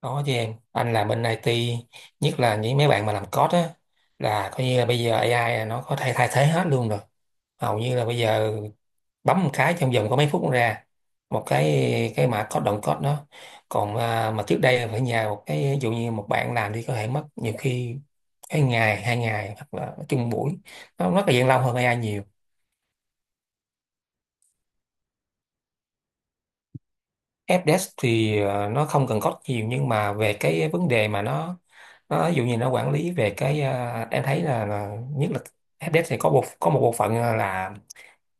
Có chứ em, anh làm bên IT, nhất là những mấy bạn mà làm code á, là coi như là bây giờ AI là nó có thể thay thế hết luôn rồi. Hầu như là bây giờ bấm một cái trong vòng có mấy phút nó ra một cái mã code động code đó. Còn à, mà trước đây là phải nhờ một cái ví dụ như một bạn làm đi, có thể mất nhiều khi cái ngày, hai ngày, hoặc là nói chung buổi, nó rất là gian lâu hơn AI nhiều. Fdesk thì nó không cần code nhiều, nhưng mà về cái vấn đề mà nó ví dụ như nó quản lý về cái em thấy là nhất là Fdesk thì có một bộ phận là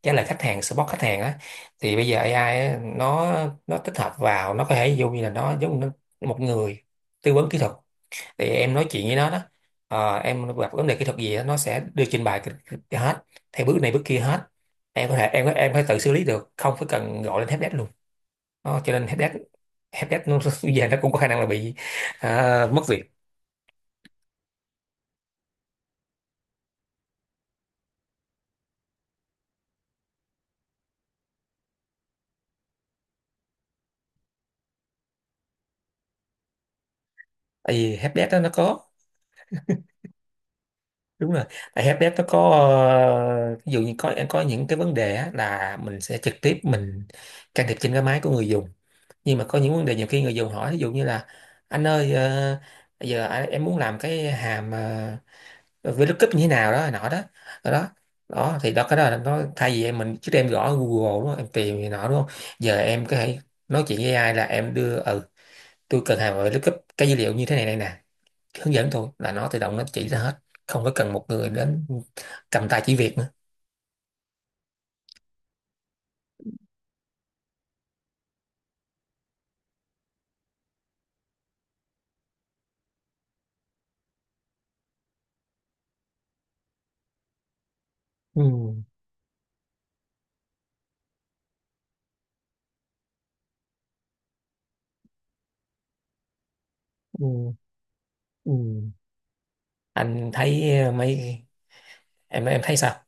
trả lời khách hàng, support khách hàng á. Thì bây giờ AI á, nó tích hợp vào, nó có thể ví dụ như là nó giống như một người tư vấn kỹ thuật. Thì em nói chuyện với nó đó. Em gặp vấn đề kỹ thuật gì á, nó sẽ đưa trình bày hết, theo bước này bước kia hết. Em có thể em có- Em có thể tự xử lý được, không phải cần gọi lên Fdesk luôn. Đó, cho nên helpdesk helpdesk nó bây giờ nó cũng có khả năng là bị, à, mất việc. Tại vì helpdesk đó nó có, đúng rồi, tại helpdesk nó có ví dụ như có những cái vấn đề á, là mình sẽ trực tiếp mình can thiệp trên cái máy của người dùng. Nhưng mà có những vấn đề nhiều khi người dùng hỏi, ví dụ như là anh ơi bây giờ em muốn làm cái hàm VLOOKUP như thế nào đó nọ đó, đó đó. Đó, thì đó cái đó là nó, thay vì em, mình trước đây em gõ Google đúng không? Em tìm này nọ đúng không, giờ em có thể nói chuyện với AI là em đưa, ừ, tôi cần hàng về lookup cái dữ liệu như thế này này nè, hướng dẫn tôi, là nó tự động nó chỉ ra hết, không có cần một người đến cầm tay chỉ việc nữa. Ừ, ừ, ừ. Anh thấy mấy, em thấy sao?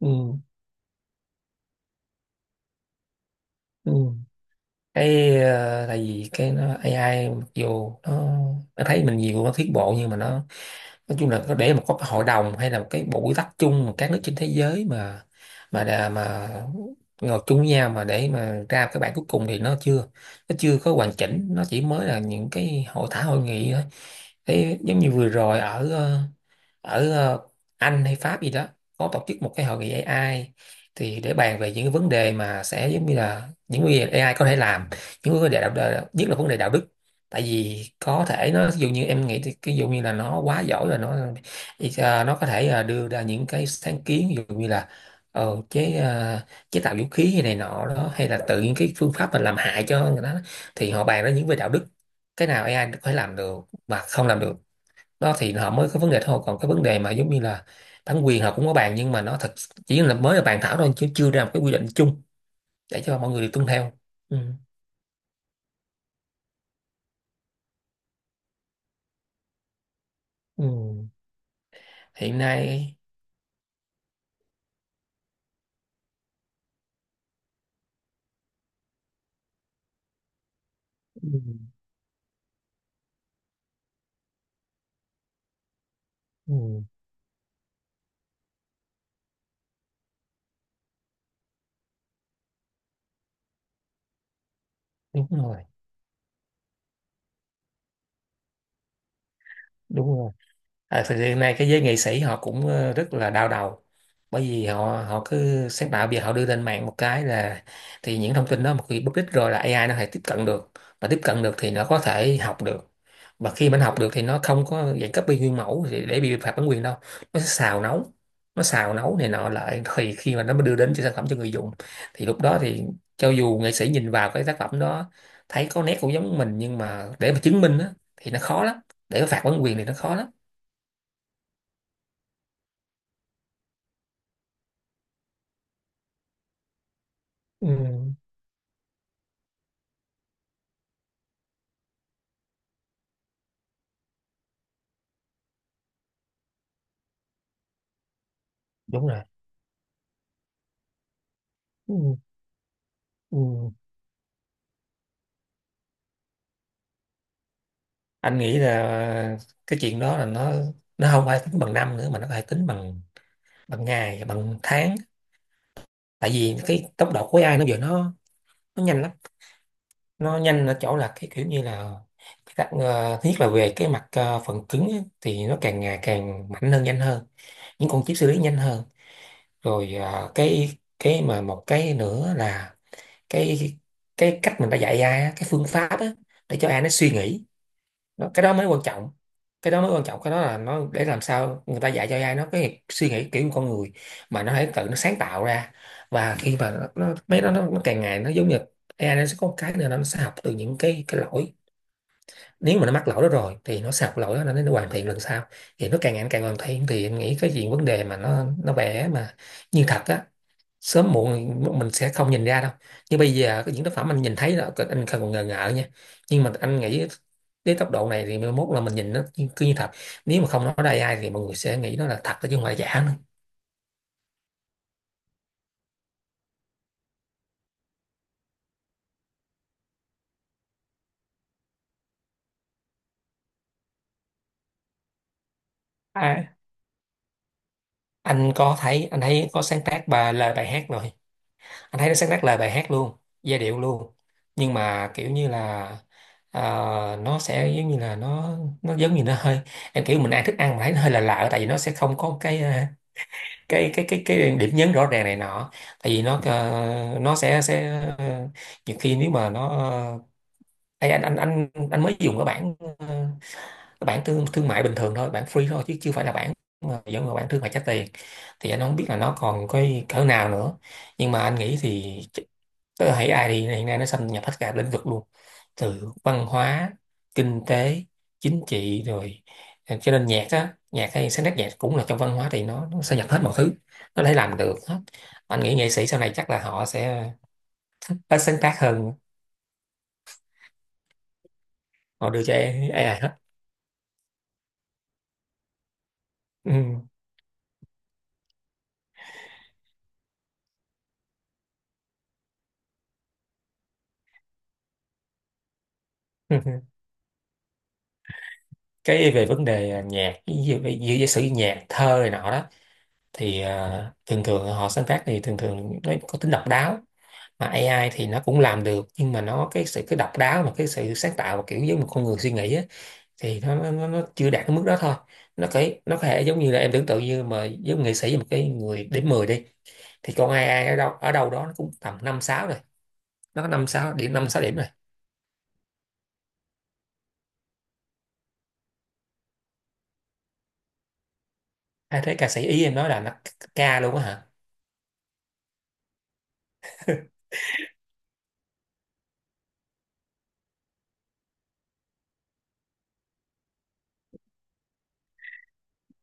Ừ, ừ. Cái tại vì cái nó AI mặc dù nó thấy mình nhiều nó tiến bộ, nhưng mà nó nói chung là, có để mà có cái hội đồng hay là một cái bộ quy tắc chung mà các nước trên thế giới, mà mà ngồi chung với nhau mà để mà ra cái bản cuối cùng, thì nó chưa, nó chưa có hoàn chỉnh, nó chỉ mới là những cái hội thảo hội nghị thôi. Thế giống như vừa rồi ở ở ờ, Anh hay Pháp gì đó có tổ chức một cái hội nghị AI, thì để bàn về những cái vấn đề mà sẽ giống như là những vấn đề AI có thể làm, những vấn đề đạo đạo- nhất là vấn đề đạo đức. Tại vì có thể nó, ví dụ như em nghĩ thì ví dụ như là nó quá giỏi rồi, nó có thể đưa ra những cái sáng kiến, ví dụ như là ờ, chế ờ, chế tạo vũ khí hay này nọ đó, hay là tự những cái phương pháp mà làm hại cho người đó. Thì họ bàn ra những về đạo đức, cái nào AI có thể làm được mà không làm được. Đó thì họ mới có vấn đề thôi, còn cái vấn đề mà giống như là bản quyền họ cũng có bàn, nhưng mà nó thật, chỉ là mới là bàn thảo thôi, chứ chưa ra một cái quy định chung để cho mọi người được tuân theo. Ừ. Ừ. Hiện nay. Ừ. Ừ. Đúng rồi, đúng rồi. À, thực hiện nay cái giới nghệ sĩ họ cũng rất là đau đầu, bởi vì họ họ cứ sáng tạo, bây giờ họ đưa lên mạng một cái là, thì những thông tin đó một khi bất ích rồi là AI nó có thể tiếp cận được, và tiếp cận được thì nó có thể học được. Và khi mà nó học được thì nó không có dạng copy nguyên mẫu thì để bị phạt bản quyền đâu, nó sẽ xào nấu. Nó xào nấu này nọ lại, thì khi mà nó mới đưa đến cho sản phẩm cho người dùng, thì lúc đó thì cho dù nghệ sĩ nhìn vào cái tác phẩm đó thấy có nét cũng giống mình, nhưng mà để mà chứng minh á, thì nó khó lắm, để phạt bản quyền thì nó khó lắm. Ừ, đúng rồi. Ừ, ừ. Anh nghĩ là cái chuyện đó là nó không phải tính bằng năm nữa, mà nó phải tính bằng, bằng ngày bằng tháng. Tại vì cái tốc độ của AI nó giờ nó nhanh lắm. Nó nhanh ở chỗ là cái kiểu như là, thứ nhất là về cái mặt phần cứng á, thì nó càng ngày càng mạnh hơn, nhanh hơn, những con chip xử lý nhanh hơn. Rồi cái mà một cái nữa là cái cái cách mình đã dạy AI á, cái phương pháp á, để cho AI nó suy nghĩ. Đó, cái đó mới quan trọng, cái đó mới quan trọng, cái đó là nó để làm sao người ta dạy cho AI nó cái suy nghĩ kiểu con người, mà nó hãy tự nó sáng tạo ra. Và khi mà nó mấy đó nó càng ngày nó giống như, AI nó sẽ có một cái nữa là nó sẽ học từ những cái lỗi. Nếu mà nó mắc lỗi đó rồi thì nó sạc lỗi đó, nó hoàn thiện lần sau. Thì nó càng ngày nó càng hoàn thiện, thì em nghĩ cái gì vấn đề mà nó vẽ mà như thật á, sớm muộn mình sẽ không nhìn ra đâu. Nhưng bây giờ cái những tác phẩm anh nhìn thấy là anh không còn ngờ ngợ nha, nhưng mà anh nghĩ đến tốc độ này thì mai mốt là mình nhìn nó cứ như thật. Nếu mà không nói đây ai thì mọi người sẽ nghĩ nó là thật đó, chứ không phải giả nữa. À, anh có thấy, anh thấy có sáng tác bài lời bài hát rồi. Anh thấy nó sáng tác lời bài hát luôn, giai điệu luôn, nhưng mà kiểu như là ờ, nó sẽ giống như là nó giống như nó hơi, em kiểu mình ăn thức ăn mà thấy nó hơi là lạ lạ, tại vì nó sẽ không có cái cái điểm nhấn rõ ràng này nọ. Tại vì nó nó sẽ ờ, nhiều khi nếu mà nó Ê, anh mới dùng cái bản cái bản thương thương mại bình thường thôi, bản free thôi, chứ chưa phải là bản mà giống như bản thương mại trả tiền. Thì anh không biết là nó còn cái cỡ nào nữa, nhưng mà anh nghĩ thì, tức là thấy AI thì hiện nay nó xâm nhập hết cả lĩnh vực luôn, từ văn hóa, kinh tế, chính trị rồi. À, cho nên nhạc á, nhạc hay sáng tác nhạc cũng là trong văn hóa, thì nó xâm nhập hết mọi thứ, nó có thể làm được hết. Anh nghĩ nghệ sĩ sau này chắc là họ sẽ ít sáng tác hơn, họ đưa cho AI hết. Ừ. Về vấn đề nhạc giả sử như nhạc thơ này nọ đó thì thường thường họ sáng tác thì thường thường nó có tính độc đáo. Mà AI thì nó cũng làm được, nhưng mà nó cái sự độc đáo và cái sự sáng tạo và kiểu giống một con người suy nghĩ á, thì nó chưa đạt đến mức đó thôi. Nó nó có thể giống như là em tưởng tượng như mà giống nghệ sĩ một cái người điểm 10 đi, thì con AI ở đâu đó nó cũng tầm năm sáu rồi, nó có năm sáu điểm, năm sáu điểm rồi. Ai thấy ca sĩ ý, em nói là nó ca luôn á hả?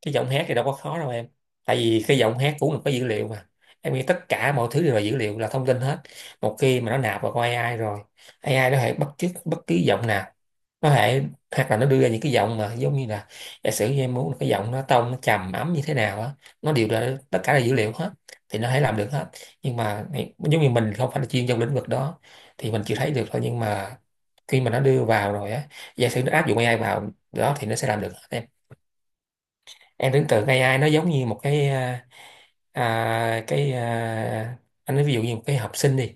Cái giọng hát thì đâu có khó đâu em, tại vì cái giọng hát cũng là có dữ liệu mà. Em nghĩ tất cả mọi thứ đều là dữ liệu, là thông tin hết. Một khi mà nó nạp vào con AI rồi, AI nó có thể bắt chước bất cứ giọng nào, nó lại hoặc là nó đưa ra những cái giọng mà giống như là giả sử như em muốn là cái giọng nó tông nó trầm ấm như thế nào á, nó đều là tất cả là dữ liệu hết thì nó thể làm được hết. Nhưng mà giống như mình không phải là chuyên trong lĩnh vực đó thì mình chưa thấy được thôi, nhưng mà khi mà nó đưa vào rồi á, giả sử nó áp dụng AI vào đó thì nó sẽ làm được hết em. Em tưởng tượng AI nó giống như một cái à, à, cái à, anh nói ví dụ như một cái học sinh đi,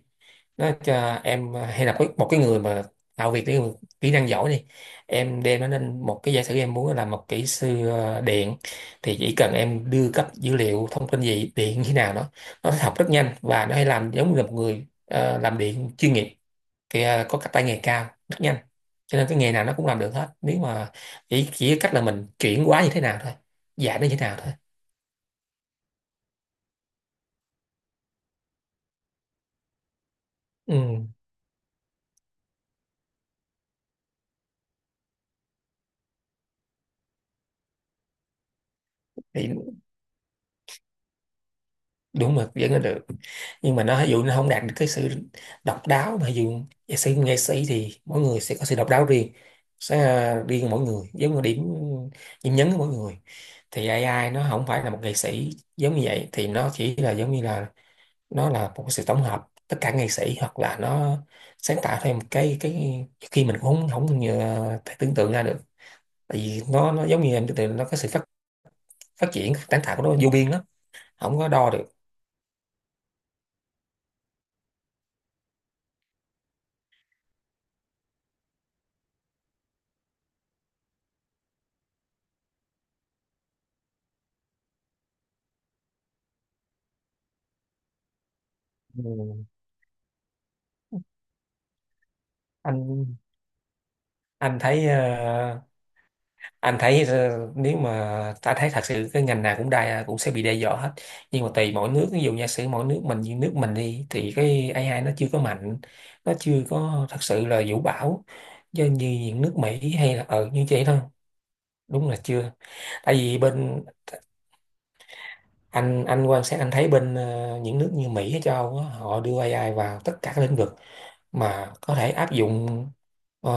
nó cho em hay là có một cái người mà tạo việc cái người kỹ năng giỏi đi, em đem nó lên một cái giả sử em muốn làm một kỹ sư điện, thì chỉ cần em đưa cấp dữ liệu thông tin gì điện như thế nào đó, nó học rất nhanh và nó hay làm giống như là một người làm điện chuyên nghiệp, thì có cái tay nghề cao rất nhanh. Cho nên cái nghề nào nó cũng làm được hết nếu mà chỉ cách là mình chuyển hóa như thế nào thôi, dạy nó như thế nào thôi. Ừ. Thì đúng mà vẫn là được, nhưng mà nó ví dụ nó không đạt được cái sự độc đáo, mà ví dụ nghệ sĩ thì mỗi người sẽ có sự độc đáo riêng, sẽ riêng mỗi người, giống như điểm điểm nhấn của mỗi người. Thì AI nó không phải là một nghệ sĩ giống như vậy, thì nó chỉ là giống như là nó là một sự tổng hợp tất cả nghệ sĩ, hoặc là nó sáng tạo thêm một cái khi mình cũng không không nhờ- thể tưởng tượng ra được. Tại vì nó giống như em tưởng tượng nó có sự phát phát triển sáng tạo của nó vô biên lắm, không có đo được. Ừ. anh anh thấy nếu mà ta thấy thật sự cái ngành nào cũng sẽ bị đe dọa hết, nhưng mà tùy mỗi nước, ví dụ giả sử mỗi nước mình, như nước mình đi thì cái AI nó chưa có mạnh, nó chưa có thật sự là vũ bão, do như những nước Mỹ hay là ở như vậy thôi. Đúng là chưa. Tại vì bên anh quan sát, anh thấy bên những nước như Mỹ hay châu Âu á, họ đưa AI vào tất cả các lĩnh vực mà có thể áp dụng, ờ,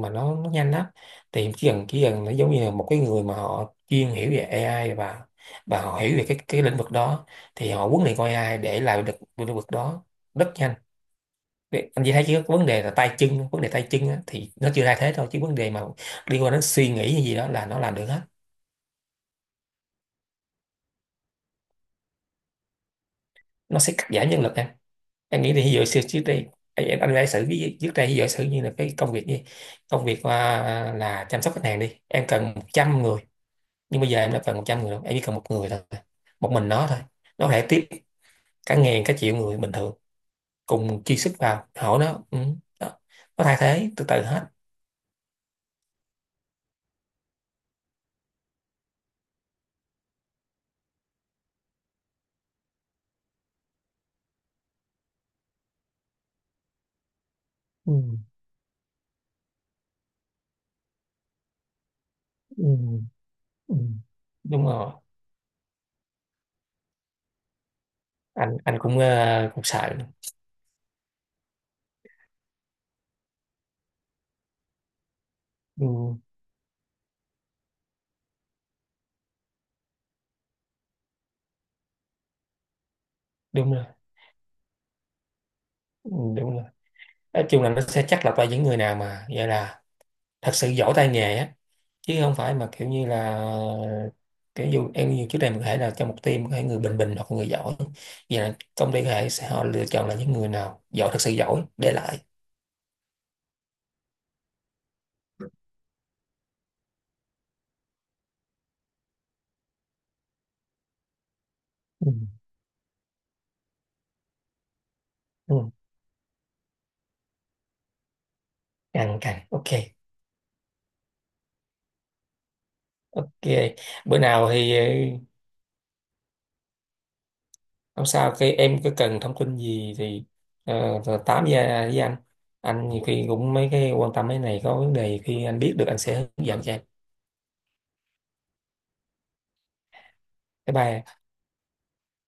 mà nó nhanh lắm. Thì chỉ cần nó giống như là một cái người mà họ chuyên hiểu về AI, và họ hiểu về cái lĩnh vực đó, thì họ huấn luyện con AI để làm được cái lĩnh vực đó rất nhanh. Vậy anh chỉ thấy chỉ có vấn đề là tay chân, vấn đề tay chân á, thì nó chưa thay thế thôi, chứ vấn đề mà liên quan đến suy nghĩ hay gì đó là nó làm được hết. Nó sẽ cắt giảm nhân lực em nghĩ thì ví dụ xưa trước đây, anh giả sử trước đây ví dụ sử như là cái công việc gì, công việc là chăm sóc khách hàng đi, em cần 100 người, nhưng bây giờ em đâu cần 100 người đâu, em chỉ cần một người thôi, một mình nó thôi. Nó có thể tiếp cả ngàn cả triệu người bình thường cùng chi sức vào hỏi nó, đó. Nó thay thế từ từ hết. Ừ. Ừ. Ừ. Đúng rồi. Anh cũng cũng sợ. Ừ. Đúng rồi. Ừ. Đúng rồi. Nói chung là nó sẽ chắc lọc ra những người nào mà gọi là thật sự giỏi tay nghề á, chứ không phải mà kiểu như là kiểu dù em nhiều, trước đây mình có thể là trong một team có thể người bình bình hoặc người giỏi, vậy là công ty có thể sẽ họ lựa chọn là những người nào giỏi, thật sự giỏi để lại. Ừ. Ừ. Càng càng ok. Ok. Bữa nào thì không sao, khi em có cần thông tin gì thì rồi tám với anh. Anh nhiều khi cũng mấy cái quan tâm mấy này, có vấn đề khi anh biết được anh sẽ hướng dẫn cho em. Bye bye.